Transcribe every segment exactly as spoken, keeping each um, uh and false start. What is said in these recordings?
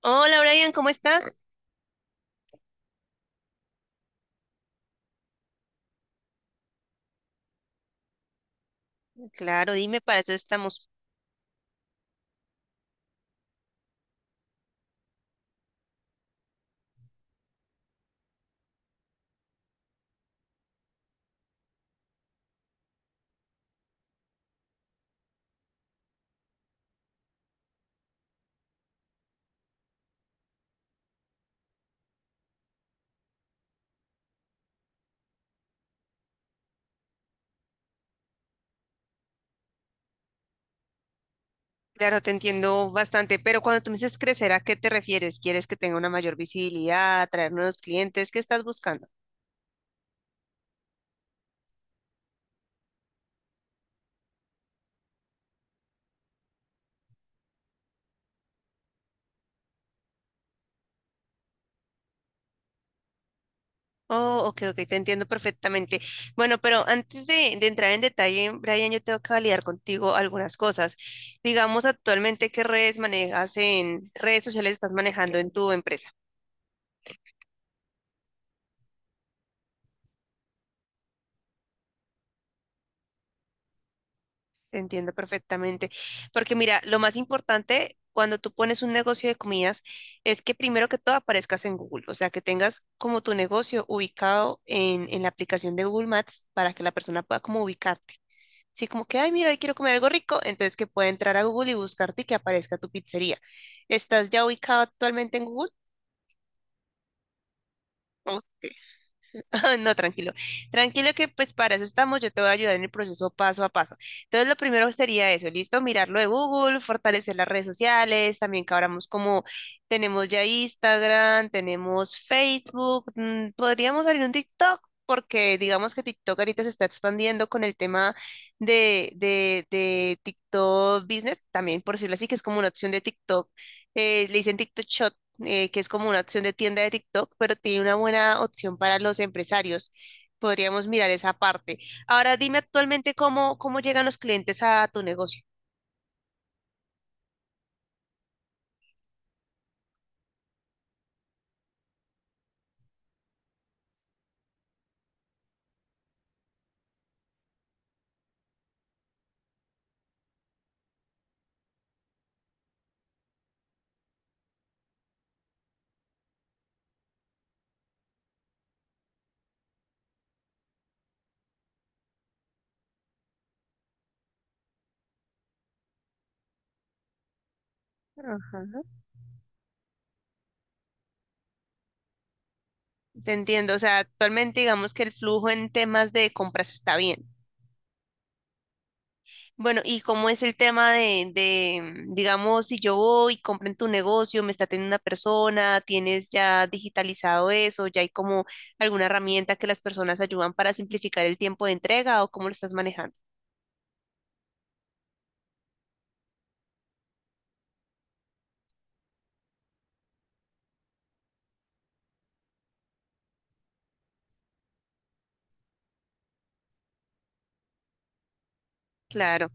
Hola Brian, ¿cómo estás? Claro, dime, para eso estamos. Claro, te entiendo bastante, pero cuando tú me dices crecer, ¿a qué te refieres? ¿Quieres que tenga una mayor visibilidad, atraer nuevos clientes? ¿Qué estás buscando? Oh, ok, ok, te entiendo perfectamente. Bueno, pero antes de, de entrar en detalle, Brian, yo tengo que validar contigo algunas cosas. Digamos, actualmente, ¿qué redes manejas en redes sociales estás manejando en tu empresa? Entiendo perfectamente. Porque mira, lo más importante cuando tú pones un negocio de comidas es que primero que todo aparezcas en Google, o sea, que tengas como tu negocio ubicado en, en la aplicación de Google Maps para que la persona pueda como ubicarte. Sí, como que, ay, mira, hoy quiero comer algo rico, entonces que pueda entrar a Google y buscarte y que aparezca tu pizzería. ¿Estás ya ubicado actualmente en Google? No, tranquilo. Tranquilo que pues para eso estamos, yo te voy a ayudar en el proceso paso a paso. Entonces, lo primero sería eso, ¿listo? Mirar lo de Google, fortalecer las redes sociales, también que abramos como tenemos ya Instagram, tenemos Facebook, mm, podríamos abrir un TikTok porque digamos que TikTok ahorita se está expandiendo con el tema de, de, de TikTok Business, también por decirlo así, que es como una opción de TikTok, eh, le dicen TikTok Shot eh, que es como una opción de tienda de TikTok, pero tiene una buena opción para los empresarios. Podríamos mirar esa parte. Ahora dime actualmente cómo, cómo llegan los clientes a tu negocio. Ajá. Te entiendo, o sea, actualmente digamos que el flujo en temas de compras está bien. Bueno, ¿y cómo es el tema de, de, digamos, si yo voy y compro en tu negocio, me está teniendo una persona, tienes ya digitalizado eso, ya hay como alguna herramienta que las personas ayudan para simplificar el tiempo de entrega o cómo lo estás manejando? Claro.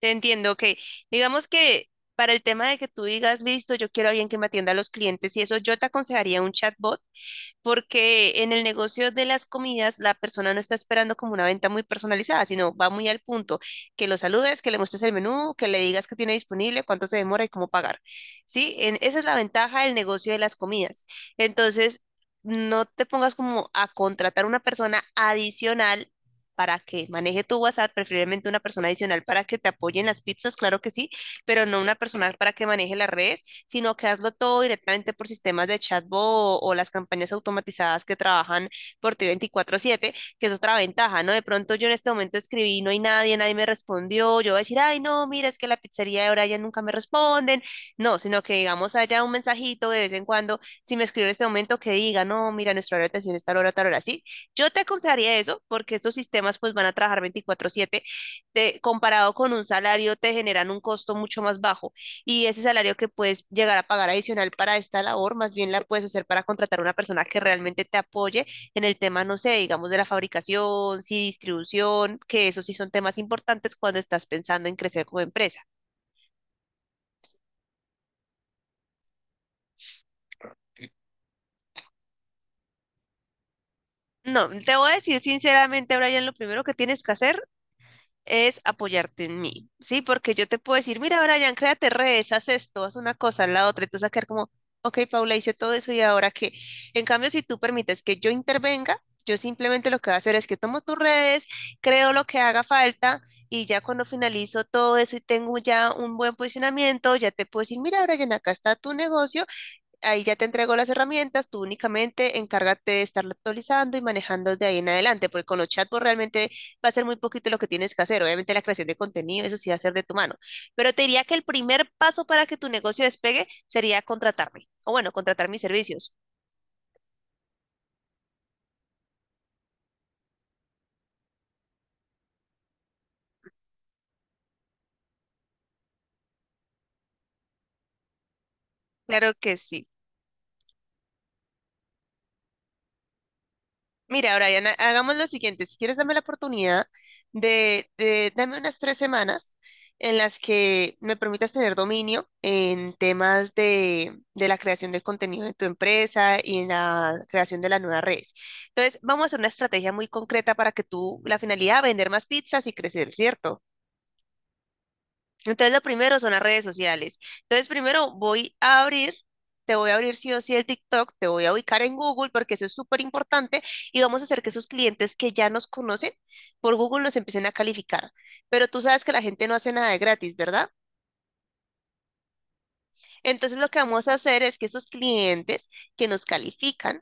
Te entiendo, ok. Digamos que para el tema de que tú digas, listo, yo quiero a alguien que me atienda a los clientes y eso, yo te aconsejaría un chatbot porque en el negocio de las comidas la persona no está esperando como una venta muy personalizada, sino va muy al punto, que lo saludes, que le muestres el menú, que le digas qué tiene disponible, cuánto se demora y cómo pagar. ¿Sí? En, esa es la ventaja del negocio de las comidas. Entonces, no te pongas como a contratar una persona adicional para que maneje tu WhatsApp, preferiblemente una persona adicional para que te apoye en las pizzas, claro que sí, pero no una persona para que maneje las redes sino que hazlo todo directamente por sistemas de chatbot o, o las campañas automatizadas que trabajan por ti veinticuatro siete, que es otra ventaja, ¿no? De pronto yo en este momento escribí, no hay nadie, nadie me respondió, yo voy a decir, ay, no, mira, es que la pizzería de Brian nunca me responden, no, sino que digamos haya un mensajito de vez en cuando, si me escribo en este momento que diga, no, mira, nuestra hora de atención es tal hora, tal hora, sí, yo te aconsejaría eso porque estos sistemas pues van a trabajar veinticuatro siete, te, comparado con un salario te generan un costo mucho más bajo y ese salario que puedes llegar a pagar adicional para esta labor, más bien la puedes hacer para contratar a una persona que realmente te apoye en el tema, no sé, digamos, de la fabricación, sí, distribución, que eso sí son temas importantes cuando estás pensando en crecer como empresa. No, te voy a decir sinceramente, Brian, lo primero que tienes que hacer es apoyarte en mí, ¿sí? Porque yo te puedo decir, mira, Brian, créate redes, haz esto, haz una cosa, la otra, y tú vas a quedar como, ok, Paula, hice todo eso y ahora qué. En cambio, si tú permites que yo intervenga, yo simplemente lo que voy a hacer es que tomo tus redes, creo lo que haga falta y ya cuando finalizo todo eso y tengo ya un buen posicionamiento, ya te puedo decir, mira, Brian, acá está tu negocio. Ahí ya te entrego las herramientas, tú únicamente encárgate de estarlo actualizando y manejando de ahí en adelante, porque con los chatbots realmente va a ser muy poquito lo que tienes que hacer. Obviamente la creación de contenido, eso sí va a ser de tu mano. Pero te diría que el primer paso para que tu negocio despegue sería contratarme, o bueno, contratar mis servicios. Claro que sí. Mira, Brian, ha- hagamos lo siguiente. Si quieres, dame la oportunidad de, de- dame unas tres semanas en las que me permitas tener dominio en temas de, de la creación del contenido de tu empresa y en la creación de las nuevas redes. Entonces, vamos a hacer una estrategia muy concreta para que tú, la finalidad, vender más pizzas y crecer, ¿cierto? Entonces, lo primero son las redes sociales. Entonces, primero voy a abrir, te voy a abrir sí o sí el TikTok, te voy a ubicar en Google porque eso es súper importante y vamos a hacer que esos clientes que ya nos conocen por Google nos empiecen a calificar. Pero tú sabes que la gente no hace nada de gratis, ¿verdad? Entonces lo que vamos a hacer es que esos clientes que nos califican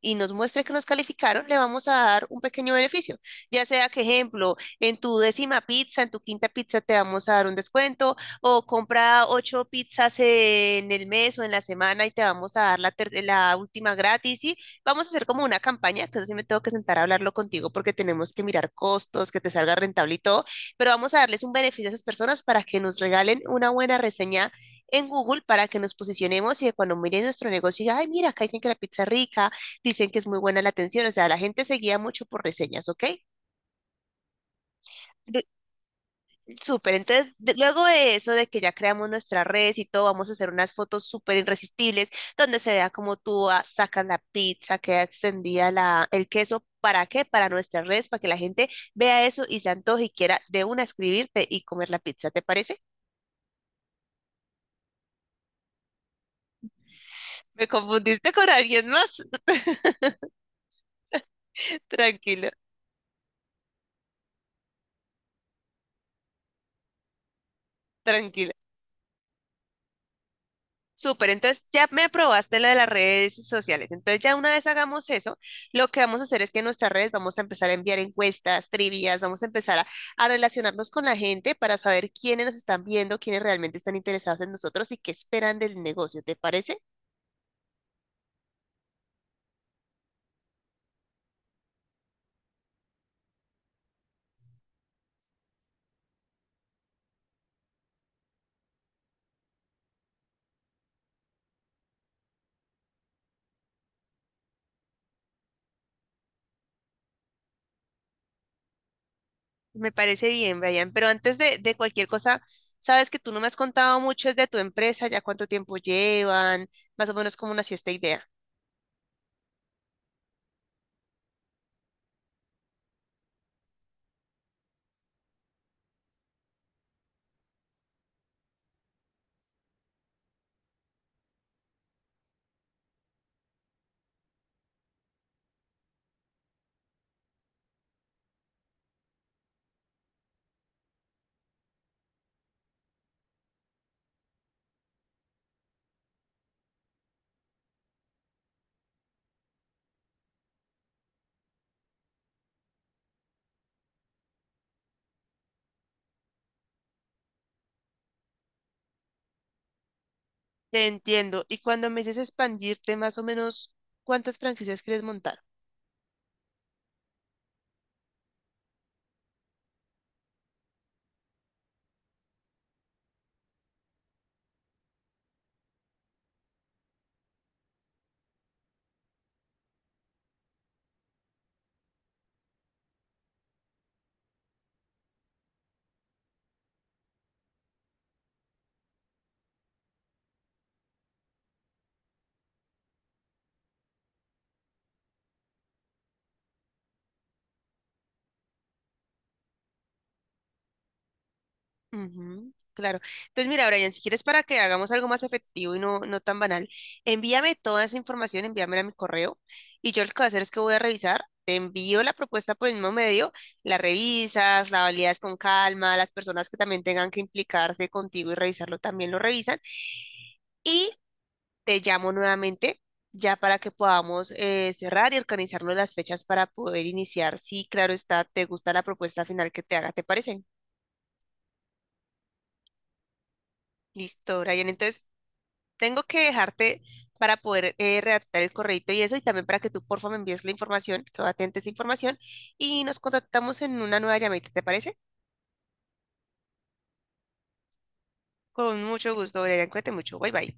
y nos muestre que nos calificaron, le vamos a dar un pequeño beneficio. Ya sea que, ejemplo, en tu décima pizza, en tu quinta pizza te vamos a dar un descuento o compra ocho pizzas en el mes o en la semana y te vamos a dar la, ter- la última gratis y vamos a hacer como una campaña, que eso sí me tengo que sentar a hablarlo contigo porque tenemos que mirar costos, que te salga rentable y todo, pero vamos a darles un beneficio a esas personas para que nos regalen una buena reseña en Google para que nos posicionemos y que cuando miren nuestro negocio digan, ay, mira, acá dicen que la pizza es rica, dicen que es muy buena la atención, o sea, la gente se guía mucho por reseñas, ¿ok? De- Súper, entonces de- luego de eso, de que ya creamos nuestra red y todo, vamos a hacer unas fotos súper irresistibles donde se vea cómo tú ah, sacas la pizza, queda extendida la, el queso. ¿Para qué? Para nuestras redes, para que la gente vea eso y se antoje y quiera de una escribirte y comer la pizza, ¿te parece? Me confundiste con alguien más. Tranquilo, tranquilo. Súper, entonces ya me aprobaste lo de las redes sociales. Entonces ya una vez hagamos eso, lo que vamos a hacer es que en nuestras redes vamos a empezar a enviar encuestas, trivias, vamos a empezar a, a relacionarnos con la gente para saber quiénes nos están viendo, quiénes realmente están interesados en nosotros y qué esperan del negocio. ¿Te parece? Me parece bien, Brian. Pero antes de, de cualquier cosa, sabes que tú no me has contado mucho es de tu empresa, ya cuánto tiempo llevan, más o menos cómo nació esta idea. Te entiendo. Y cuando me dices expandirte, más o menos, ¿cuántas franquicias quieres montar? Ujú, claro. Entonces, mira, Brian, si quieres para que hagamos algo más efectivo y no, no tan banal, envíame toda esa información, envíamela a mi correo y yo lo que voy a hacer es que voy a revisar, te envío la propuesta por el mismo medio, la revisas, la validas con calma, las personas que también tengan que implicarse contigo y revisarlo también lo revisan y te llamo nuevamente ya para que podamos eh, cerrar y organizarnos las fechas para poder iniciar. Sí, claro está, te gusta la propuesta final que te haga, ¿te parece? Listo, Brian. Entonces, tengo que dejarte para poder eh, redactar el correito y eso, y también para que tú, porfa, me envíes la información, que atentes esa información, y nos contactamos en una nueva llamadita, ¿te parece? Con mucho gusto, Brian, cuídate mucho, bye bye.